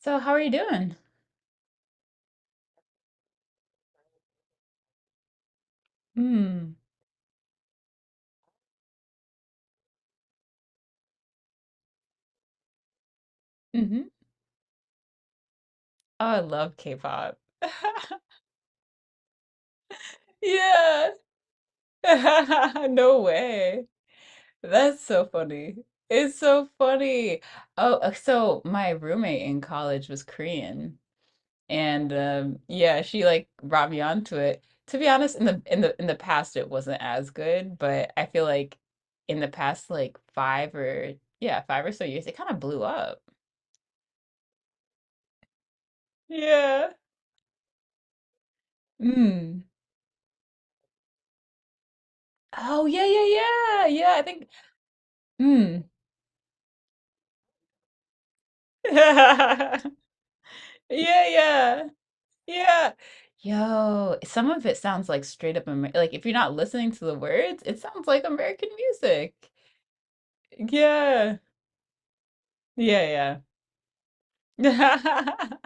So how are you doing? Mm. Mhm. Oh, I love K-pop. Yeah. No way. That's so funny. It's so funny. Oh, so my roommate in college was Korean, and yeah, she like brought me onto it. To be honest, in the past, it wasn't as good, but I feel like in the past, like five or so years, it kind of blew up. Yeah. Mm. Oh, yeah, yeah, yeah, yeah, I think. Hmm. Yeah, yeah, yeah. Yo, some of it sounds like straight up Amer like if you're not listening to the words, it sounds like American music. Yeah, yeah, yeah.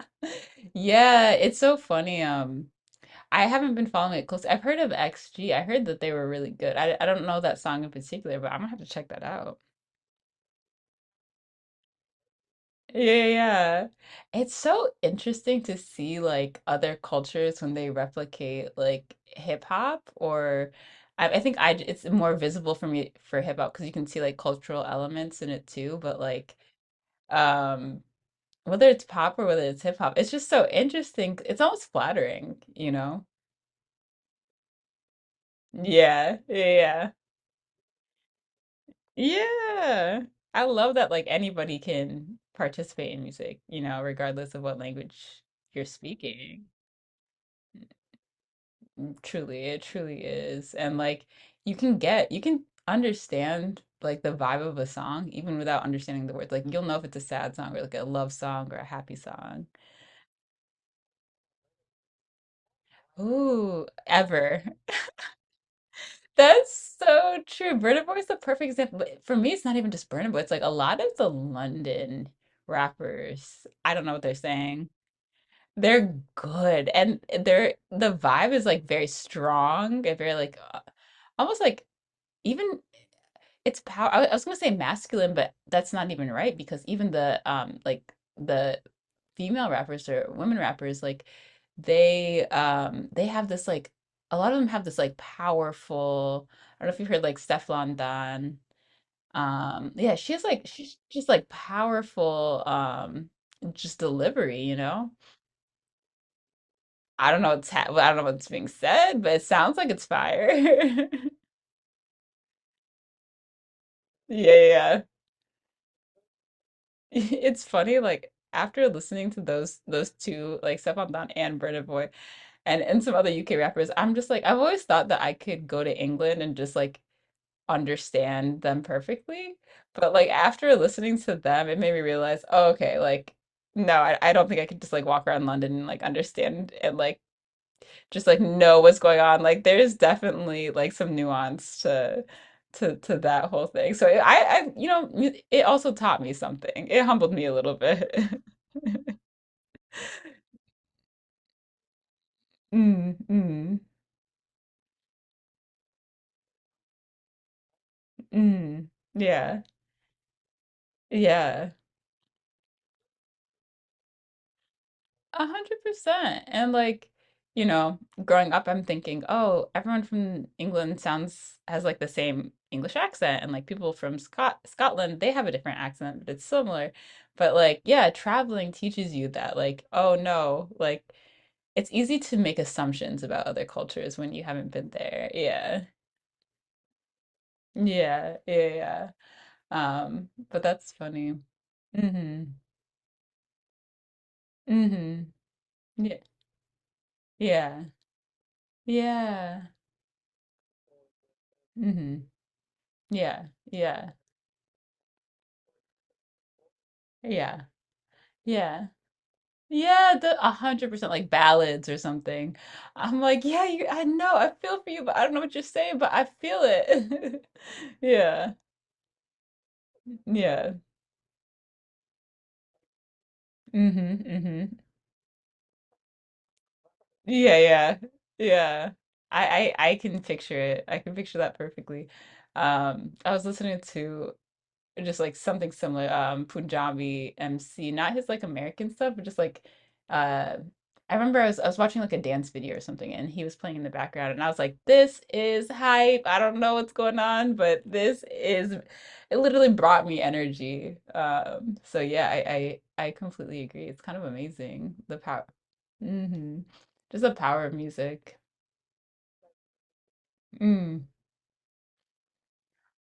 Yeah, it's so funny. I haven't been following it close. I've heard of XG. I heard that they were really good. I don't know that song in particular, but I'm gonna have to check that out. Yeah, yeah, yeah. It's so interesting to see like other cultures when they replicate like hip hop or I think I it's more visible for me for hip hop because you can see like cultural elements in it too, but like um whether it's pop or whether it's hip hop, it's just so interesting. It's almost flattering, you know? Yeah, yeah, yeah. Yeah. I love that like anybody can participate in music, you know, regardless of what language you're speaking. Truly, it truly is. And like you can understand like the vibe of a song even without understanding the words. Like you'll know if it's a sad song or like a love song or a happy song. Ooh, ever. That's so true. Burna Boy is the perfect example. But for me, it's not even just Burna Boy. It's like a lot of the London rappers. I don't know what they're saying. They're good, and the vibe is like very strong and very almost like even. It's power. I was gonna say masculine, but that's not even right because even the like the female rappers or women rappers, like they have this like a lot of them have this like powerful. I don't know if you've heard like Stefflon Don. Yeah, she has like she's just like powerful just delivery, you know? I don't know what's being said, but it sounds like it's fire. Yeah, yeah. It's funny, like after listening to those two, like Stefan Don and Burna Boy, and some other UK rappers, I'm just like I've always thought that I could go to England and just like understand them perfectly, but like after listening to them, it made me realize, oh, okay, like no, I don't think I could just like walk around London and like understand and like just like know what's going on. Like there's definitely like some nuance to to that whole thing. So I you know mu- it also taught me something. It humbled me a little bit. Mm, mm, mm. Yeah. Yeah. 100%. And like, you know, growing up, I'm thinking, oh, everyone from England sounds has like the same English accent, and like people from Scotland, they have a different accent, but it's similar. But like, yeah, traveling teaches you that, like, oh no, like it's easy to make assumptions about other cultures when you haven't been there. Yeah. Yeah. Yeah. Yeah. But that's funny. Mm-hmm. Mm-hmm. Yeah. Yeah. Yeah. Mm-hmm. Yeah, yeah, yeah, yeah, yeah. The 100% like ballads or something. I'm like, yeah, you, I know, I feel for you, but I don't know what you're saying, but I feel it. Yeah, yeah, mm-hmm, mm-hmm. Yeah, yeah, yeah. I can picture it. I can picture that perfectly. I was listening to or just like something similar. Punjabi MC, not his like American stuff, but just uh, I remember I was watching like a dance video or something, and he was playing in the background, and I was like, "This is hype." I don't know what's going on, but this is it. Literally brought me energy. So yeah, I completely agree. It's kind of amazing the power, hmm, just the power of music. Mm.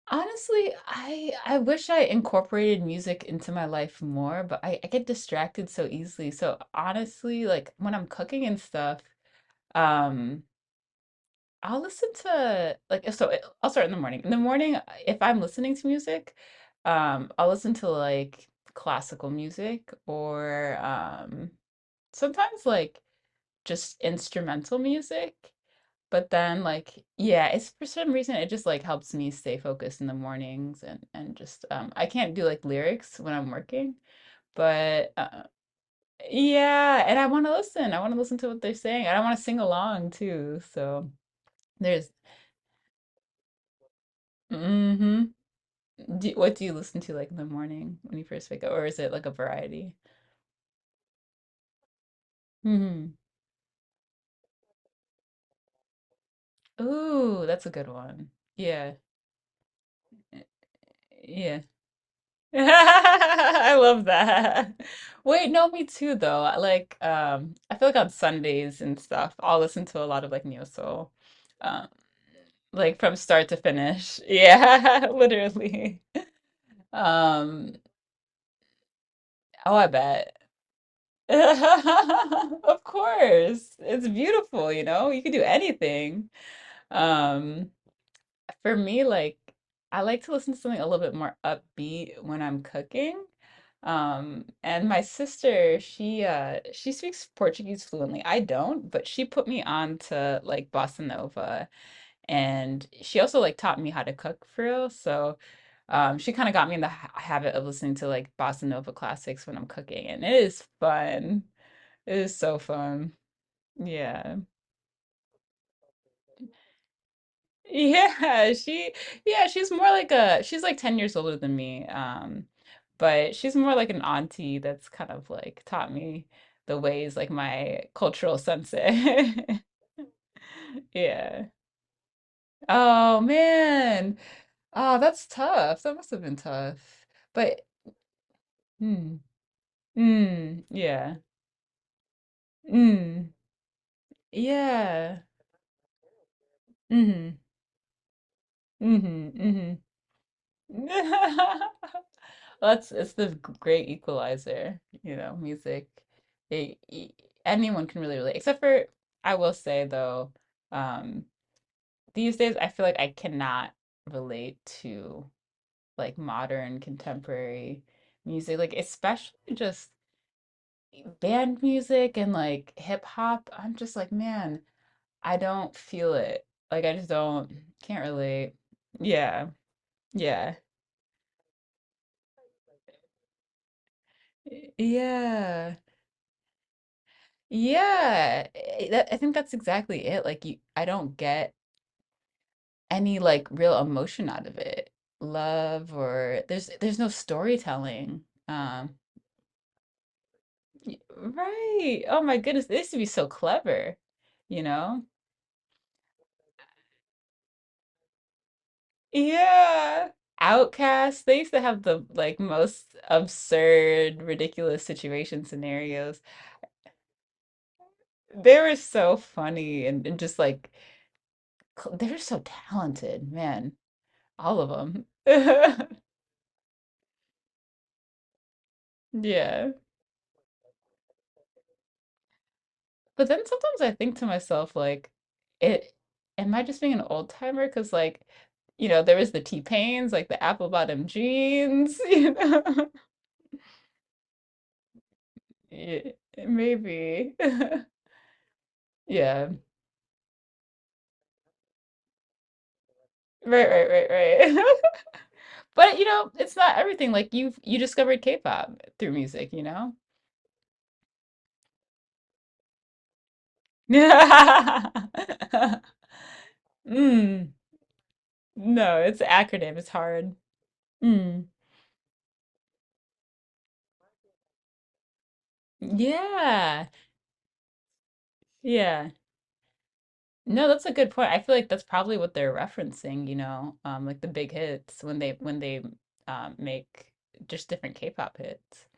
Honestly, I wish I incorporated music into my life more, but I get distracted so easily. So honestly, like when I'm cooking and stuff, um, I'll listen to like if so I'll start in the morning. In the morning, if I'm listening to music, I'll listen to like classical music or sometimes like just instrumental music. But then, like, yeah, it's for some reason it just like helps me stay focused in the mornings and just I can't do like lyrics when I'm working, but yeah, and I want to listen. I want to listen to what they're saying. I don't want to sing along too. So there's mm hmm. What do you listen to like in the morning when you first wake up, or is it like a variety? Mm hmm. Ooh, that's a good one. Yeah. Eh, yeah. I love that. Wait, no, me too though. I feel like on Sundays and stuff, I'll listen to a lot of like neo soul, um, like from start to finish. Yeah, literally. Um, oh, I bet. Of course. It's beautiful, you know? You can do anything. Um, For me, like I like to listen to something a little bit more upbeat when I'm cooking. And my sister, she speaks Portuguese fluently. I don't, but she put me on to like bossa nova, and she also like taught me how to cook for real. So, she kind of got me in the ha habit of listening to like bossa nova classics when I'm cooking, and it is fun. It is so fun. Yeah. Yeah, she yeah, she's more like a she's like 10 years older than me. But she's more like an auntie that's kind of like taught me the ways, like my cultural sensei. Yeah. Oh man. Oh, that's tough. That must have been tough. But mm, mm, yeah. Mm, yeah. Mm-hmm. Mm-hmm. Mm-hmm. that's It's the great equalizer, you know, music. They e- anyone can really relate, except for I will say though, um, these days I feel like I cannot relate to like modern contemporary music, like especially just band music and like hip hop. I'm just like, man, I don't feel it. Like I just don't, can't relate. Yeah, yeah, yeah. I think that's exactly it. I don't get any like real emotion out of it. Love or there's no storytelling. Right. Oh my goodness, they used to be so clever, you know? Yeah. Outcasts, they used to have the like most absurd, ridiculous situation scenarios. They were so funny and just they were so talented, man. All of them. Yeah. But then sometimes I think to myself, like, it am I just being an old timer? Because like, you know, there was the T-Pains, like the apple bottom jeans, you know? Ye maybe. Yeah. Right, right, right, right. But, you know, it's not everything, like, you discovered K-pop through music, you know? Mm. No, it's an acronym, it's hard. Mm. Yeah. Yeah. No, that's a good point. I feel like that's probably what they're referencing, you know, like the big hits when they make just different K-pop hits.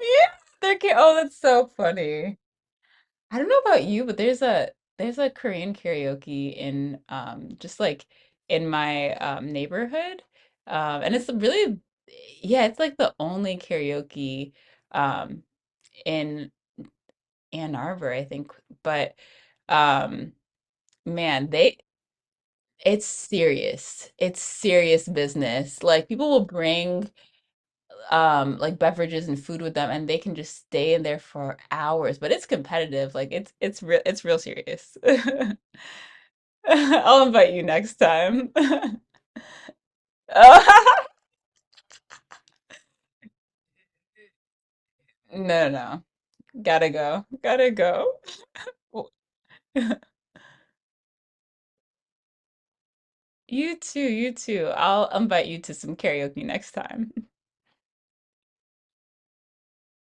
Yeah, they're oh, that's so funny. I don't know about you, but there's a Korean karaoke in just like in my neighborhood, and it's really yeah, it's like the only karaoke um, in Ann Arbor, I think, but. Um, man, they It's serious. It's serious business. Like people will bring like beverages and food with them, and they can just stay in there for hours, but it's competitive. Like it's real serious. I'll invite you next time. No, no, no. Gotta go. Gotta go. You too, you too. I'll invite you to some karaoke next time.